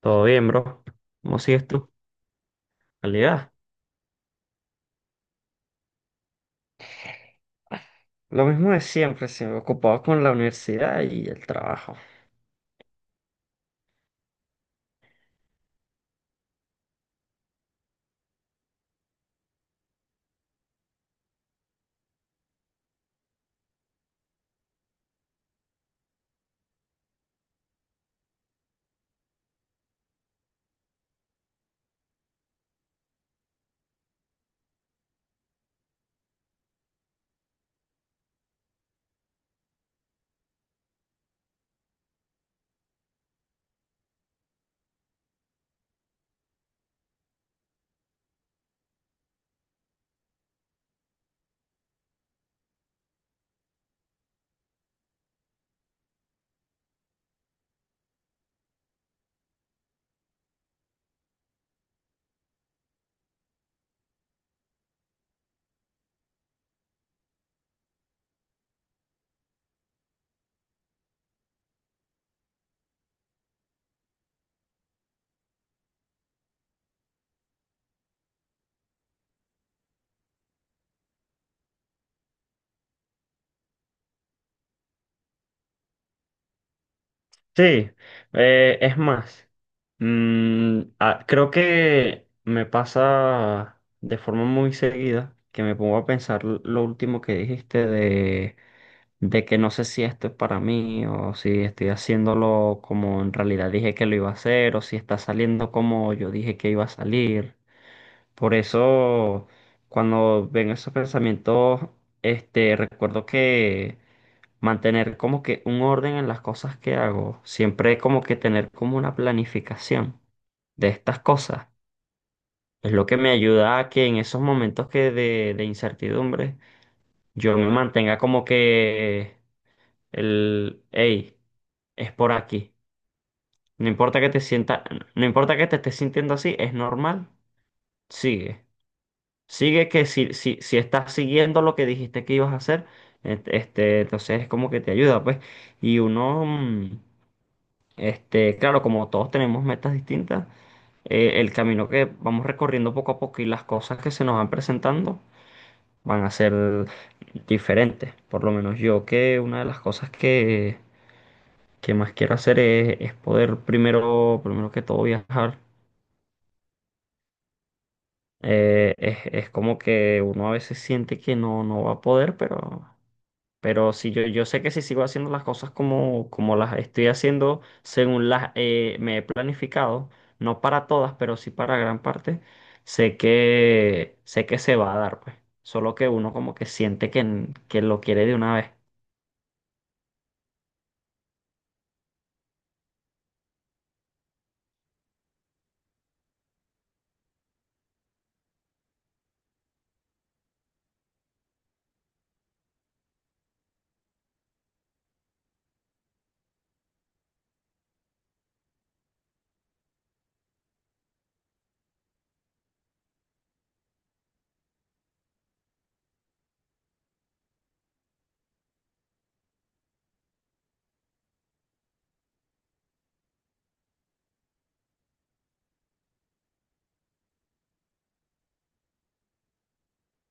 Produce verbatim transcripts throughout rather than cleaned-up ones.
Todo bien, bro. ¿Cómo sigues tú? Calidad. Lo mismo de siempre, se me ocupaba con la universidad y el trabajo. Sí, eh, es más, mm, ah, creo que me pasa de forma muy seguida que me pongo a pensar l- lo último que dijiste de, de que no sé si esto es para mí o si estoy haciéndolo como en realidad dije que lo iba a hacer o si está saliendo como yo dije que iba a salir. Por eso, cuando ven esos pensamientos, este, recuerdo que mantener como que un orden en las cosas que hago, siempre como que tener como una planificación de estas cosas, es lo que me ayuda a que en esos momentos que de, de incertidumbre, yo me mantenga como que el, hey, es por aquí. No importa que te sienta, no importa que te estés sintiendo así, es normal, sigue. Sigue que si, si, si estás siguiendo lo que dijiste que ibas a hacer, ent- este, entonces es como que te ayuda, pues. Y uno, mm, este, claro, como todos tenemos metas distintas, eh, el camino que vamos recorriendo poco a poco y las cosas que se nos van presentando van a ser diferentes. Por lo menos yo que una de las cosas que, que más quiero hacer es, es poder primero, primero que todo viajar. Eh, es, es como que uno a veces siente que no, no va a poder, pero... Pero si yo, yo sé que si sigo haciendo las cosas como, como las estoy haciendo, según las eh, me he planificado, no para todas, pero sí para gran parte, sé que, sé que se va a dar, pues. Solo que uno como que siente que, n- que lo quiere de una vez.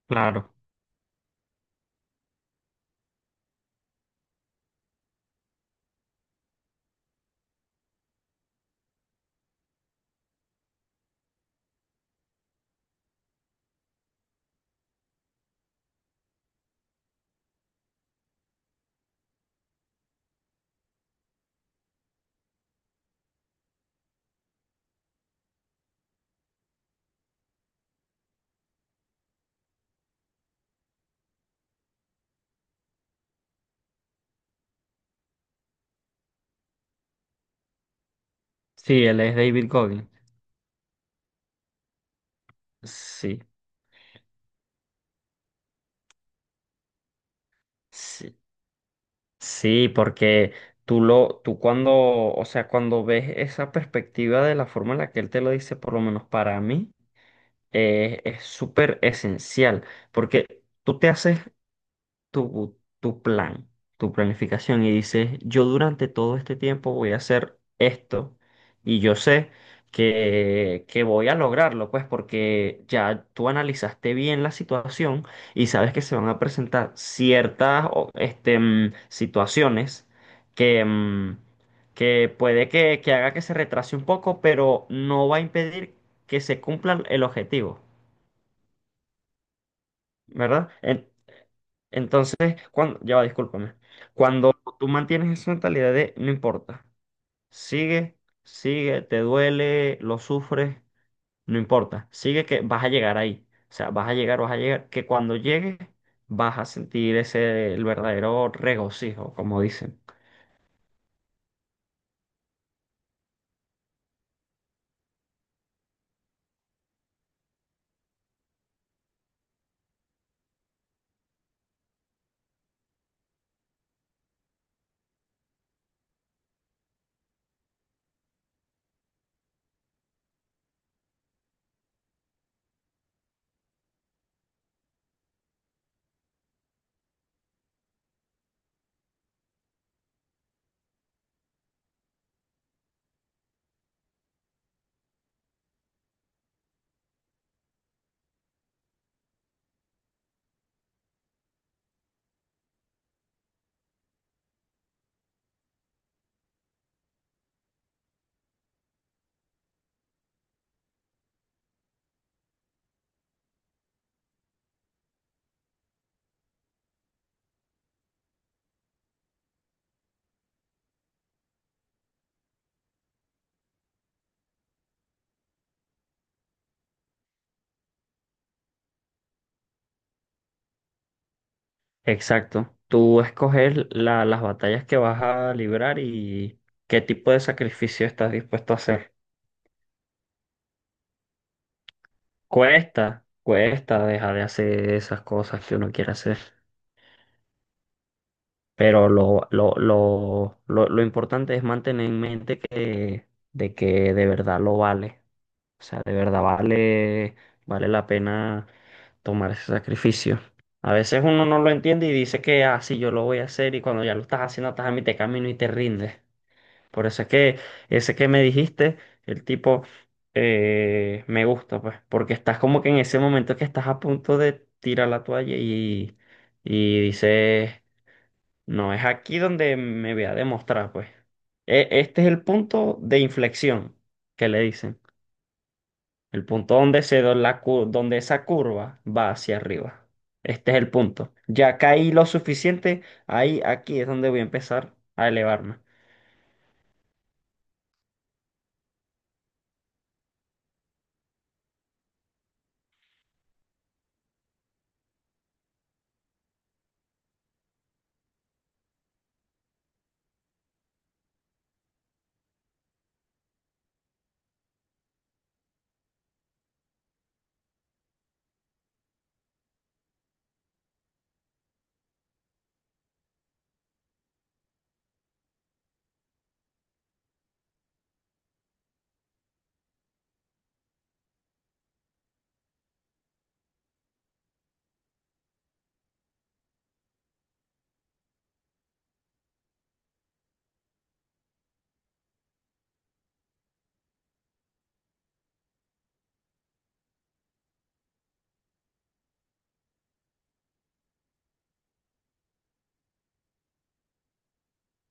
Claro. Sí, él es David Goggins. Sí. Sí, sí, porque tú lo, tú cuando, o sea, cuando ves esa perspectiva de la forma en la que él te lo dice, por lo menos para mí. eh, es súper esencial porque tú te haces tu, tu plan, tu planificación y dices, yo durante todo este tiempo voy a hacer esto y yo sé que, que voy a lograrlo, pues porque ya tú analizaste bien la situación y sabes que se van a presentar ciertas o, este, mm, situaciones que... mm, que puede que, que haga que se retrase un poco, pero no va a impedir que se cumpla el objetivo. ¿Verdad? En- Entonces, cuando, ya va, discúlpame. Cuando tú mantienes esa mentalidad de no importa, sigue, sigue, te duele, lo sufres, no importa, sigue que vas a llegar ahí. O sea, vas a llegar, vas a llegar, que cuando llegues vas a sentir ese, el verdadero regocijo, como dicen. Exacto. Tú escoges la- las batallas que vas a librar y qué tipo de sacrificio estás dispuesto a hacer. Cuesta, cuesta dejar de hacer esas cosas que uno quiere hacer. Pero lo, lo, lo, lo, lo importante es mantener en mente que, de que de verdad lo vale. O sea, de verdad vale, vale la pena tomar ese sacrificio. A veces uno no lo entiende y dice que, ah, sí, yo lo voy a hacer y cuando ya lo estás haciendo, estás a mitad de camino y te rindes. Por eso es que ese que me dijiste, el tipo, eh, me gusta, pues, porque estás como que en ese momento que estás a punto de tirar la toalla y, y dices, no es aquí donde me voy a demostrar, pues. E- Este es el punto de inflexión que le dicen, el punto donde se da la cur- donde esa curva va hacia arriba. Este es el punto. Ya caí lo suficiente, ahí, aquí es donde voy a empezar a elevarme.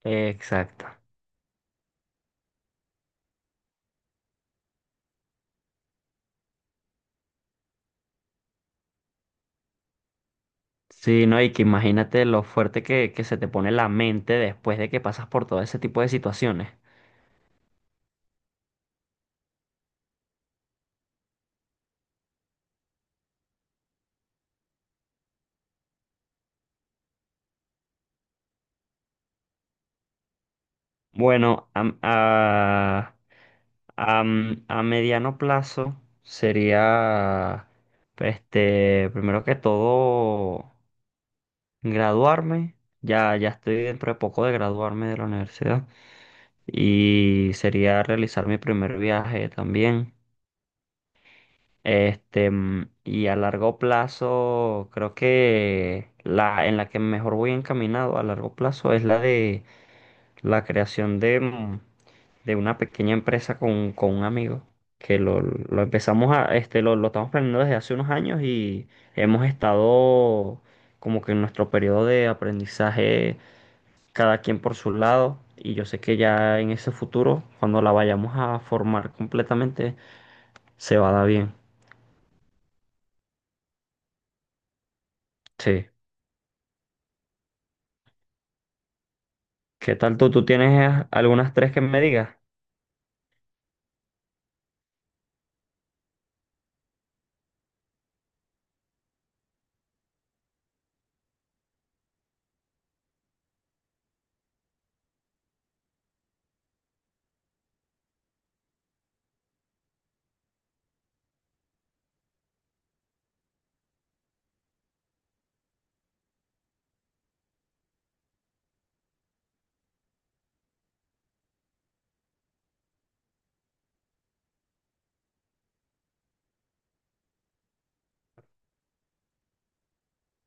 Exacto. Sí, no, y que imagínate lo fuerte que, que se te pone la mente después de que pasas por todo ese tipo de situaciones. Bueno, am- a, am- a mediano plazo sería, este, primero que todo, graduarme. Ya, ya estoy dentro de poco de graduarme de la universidad. Y sería realizar mi primer viaje también. Este, mm, y a largo plazo, creo que la en la que mejor voy encaminado a largo plazo es la de la creación de, mm, de una pequeña empresa con, con un amigo. Que lo, lo empezamos a, este, lo, lo estamos planeando desde hace unos años y hemos estado como que en nuestro periodo de aprendizaje, cada quien por su lado. Y yo sé que ya en ese futuro, cuando la vayamos a formar completamente, se va a dar bien. Sí. ¿Qué tal tú? ¿Tú tienes eh, algunas tres que me digas?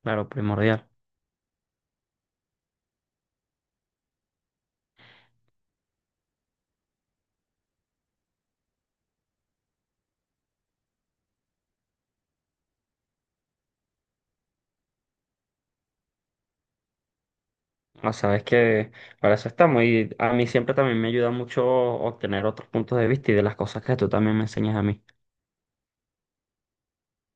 Claro, primordial. No, sabes que para eso estamos y a mí siempre también me ayuda mucho obtener otros puntos de vista y de las cosas que tú también me enseñas a mí.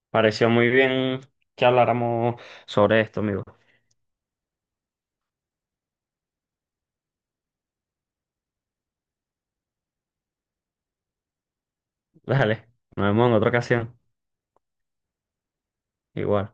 Pareció muy bien que habláramos sobre esto, amigo. Dale, nos vemos en otra ocasión. Igual.